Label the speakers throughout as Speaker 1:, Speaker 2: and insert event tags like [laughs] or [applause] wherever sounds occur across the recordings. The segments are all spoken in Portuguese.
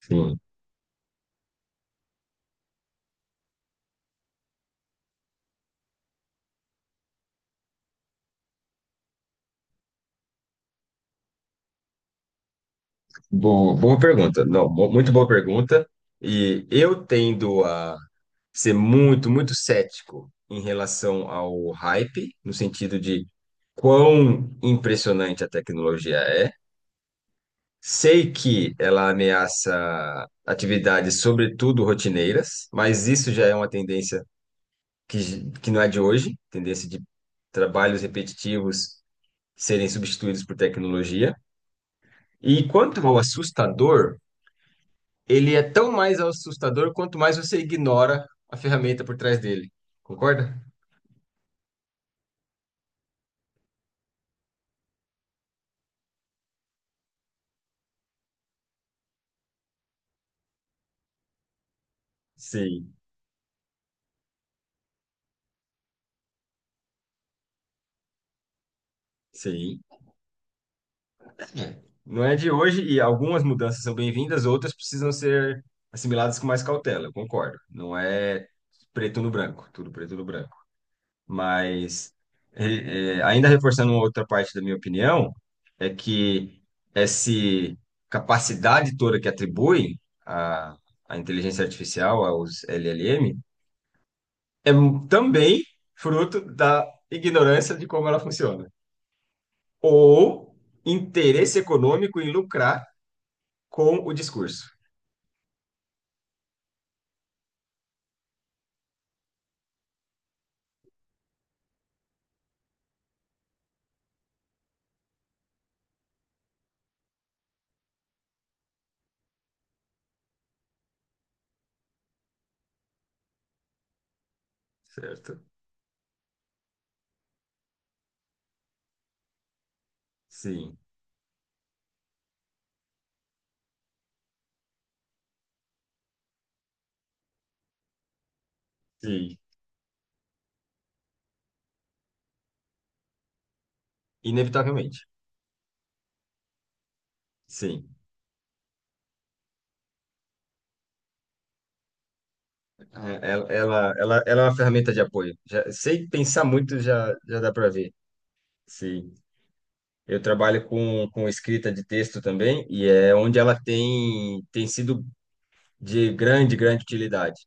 Speaker 1: Sim. Boa, boa pergunta. Não, muito boa pergunta. E eu tendo a ser muito, muito cético em relação ao hype, no sentido de quão impressionante a tecnologia é. Sei que ela ameaça atividades, sobretudo rotineiras, mas isso já é uma tendência que não é de hoje, tendência de trabalhos repetitivos serem substituídos por tecnologia. E quanto ao assustador, ele é tão mais assustador quanto mais você ignora a ferramenta por trás dele. Concorda? Sim, sim. Não é de hoje e algumas mudanças são bem-vindas, outras precisam ser assimiladas com mais cautela, eu concordo. Não é preto no branco, tudo preto no branco. Mas, ainda reforçando uma outra parte da minha opinião, é que essa capacidade toda que atribui a, a inteligência artificial, aos LLM, é também fruto da ignorância de como ela funciona, ou interesse econômico em lucrar com o discurso, certo? Sim, sim, inevitavelmente. Sim, é, ela é uma ferramenta de apoio. Já, sem pensar muito, já dá para ver. Sim, eu trabalho com escrita de texto também, e é onde ela tem, tem sido de grande, grande utilidade.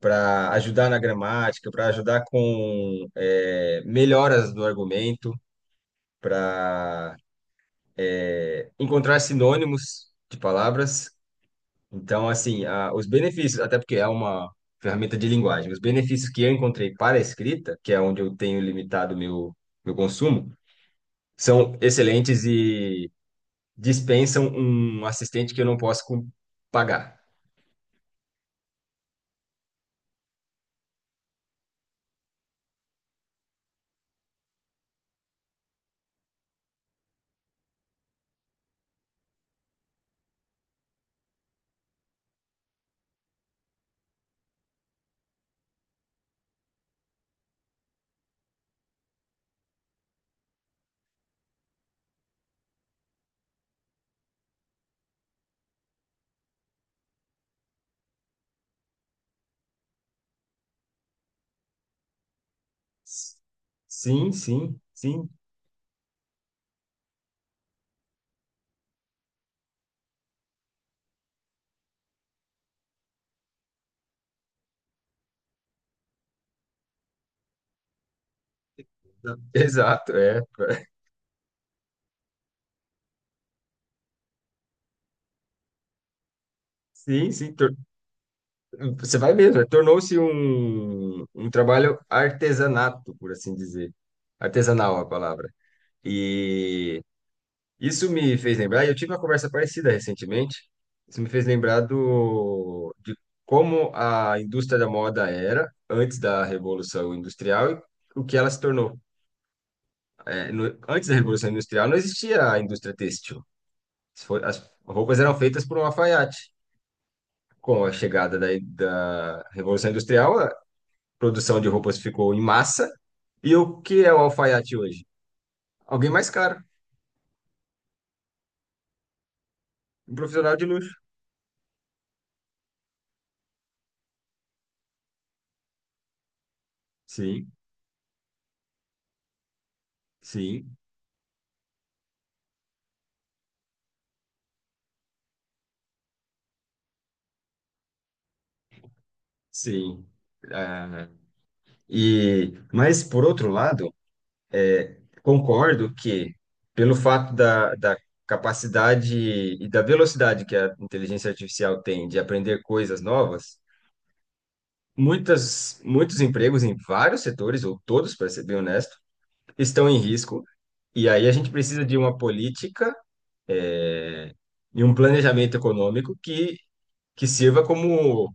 Speaker 1: Para ajudar na gramática, para ajudar com é, melhoras do argumento, para encontrar sinônimos de palavras. Então, assim, os benefícios, até porque é uma ferramenta de linguagem, os benefícios que eu encontrei para a escrita, que é onde eu tenho limitado meu meu consumo, são excelentes e dispensam um assistente que eu não posso pagar. Sim, sim, sim. Exato, é. [laughs] Sim, sim. Você vai mesmo, é, tornou-se um, um trabalho artesanato, por assim dizer. Artesanal a palavra. E isso me fez lembrar, e eu tive uma conversa parecida recentemente, isso me fez lembrar do, de como a indústria da moda era antes da Revolução Industrial e o que ela se tornou. É, antes da Revolução Industrial não existia a indústria têxtil. Se for- As roupas eram feitas por um alfaiate. Com a chegada da Revolução Industrial, produção de roupas ficou em massa. E o que é o alfaiate hoje? Alguém mais caro, um profissional de luxo. Sim, sim, sim. Ah, e, mas, por outro lado, é, concordo que, pelo fato da capacidade e da velocidade que a inteligência artificial tem de aprender coisas novas, muitos empregos em vários setores, ou todos, para ser bem honesto, estão em risco. E aí a gente precisa de uma política é, e um planejamento econômico que sirva como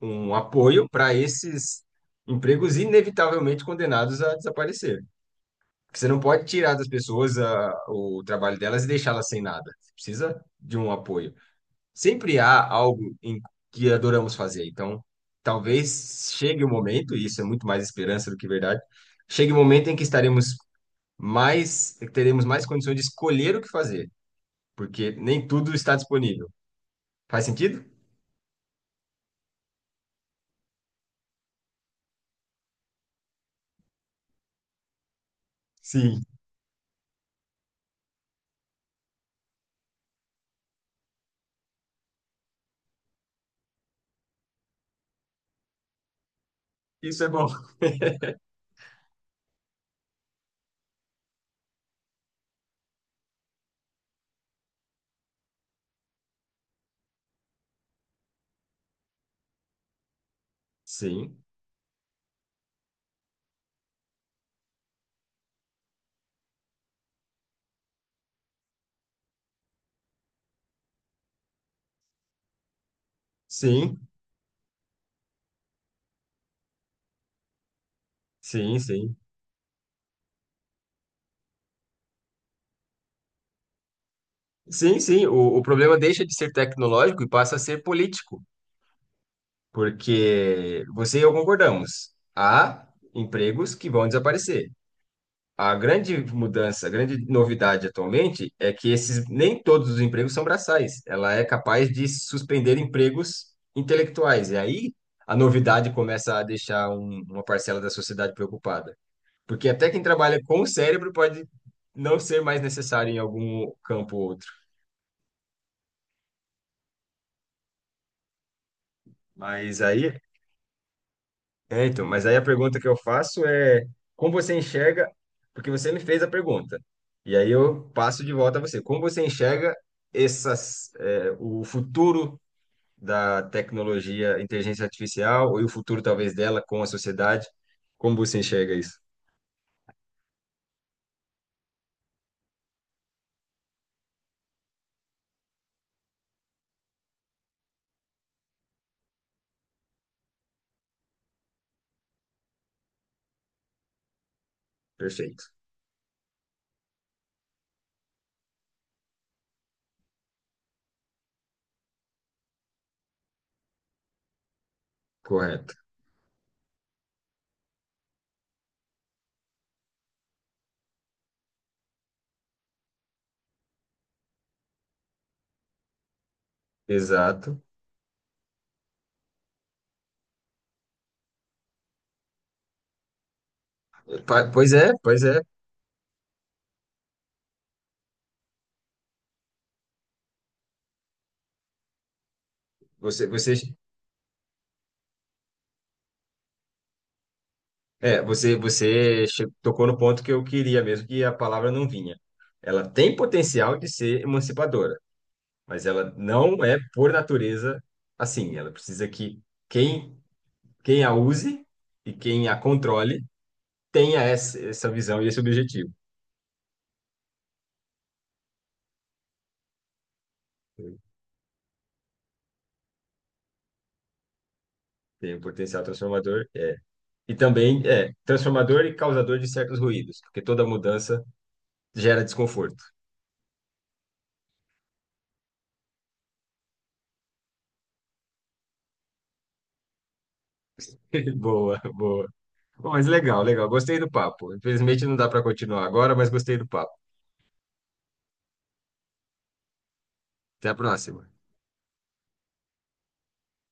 Speaker 1: um apoio para esses empregos inevitavelmente condenados a desaparecer. Porque você não pode tirar das pessoas o trabalho delas e deixá-las sem nada. Você precisa de um apoio. Sempre há algo em que adoramos fazer. Então, talvez chegue o momento, e isso é muito mais esperança do que verdade, chegue o momento em que estaremos mais, teremos mais condições de escolher o que fazer, porque nem tudo está disponível. Faz sentido? Sim. Isso é bom. Sim, sim, sim, sim. Sim, sim. O problema deixa de ser tecnológico e passa a ser político, porque você e eu concordamos. Há empregos que vão desaparecer. A grande mudança, a grande novidade atualmente é que esses nem todos os empregos são braçais. Ela é capaz de suspender empregos intelectuais. E aí a novidade começa a deixar uma parcela da sociedade preocupada. Porque até quem trabalha com o cérebro pode não ser mais necessário em algum campo ou outro. Mas aí, é, então, mas aí a pergunta que eu faço é como você enxerga, porque você me fez a pergunta. E aí eu passo de volta a você. Como você enxerga essas, é, o futuro da tecnologia, inteligência artificial e o futuro talvez dela com a sociedade? Como você enxerga isso? Perfeito. Correto. Exato. Pois é, pois é. Você, é, você, tocou no ponto que eu queria mesmo, que a palavra não vinha. Ela tem potencial de ser emancipadora, mas ela não é, por natureza, assim. Ela precisa que quem, quem a use e quem a controle tenha essa, essa visão e esse objetivo. Tem um potencial transformador, é. E também é transformador e causador de certos ruídos, porque toda mudança gera desconforto. [laughs] Boa, boa. Bom, mas legal, legal. Gostei do papo. Infelizmente não dá para continuar agora, mas gostei do papo. Até a próxima.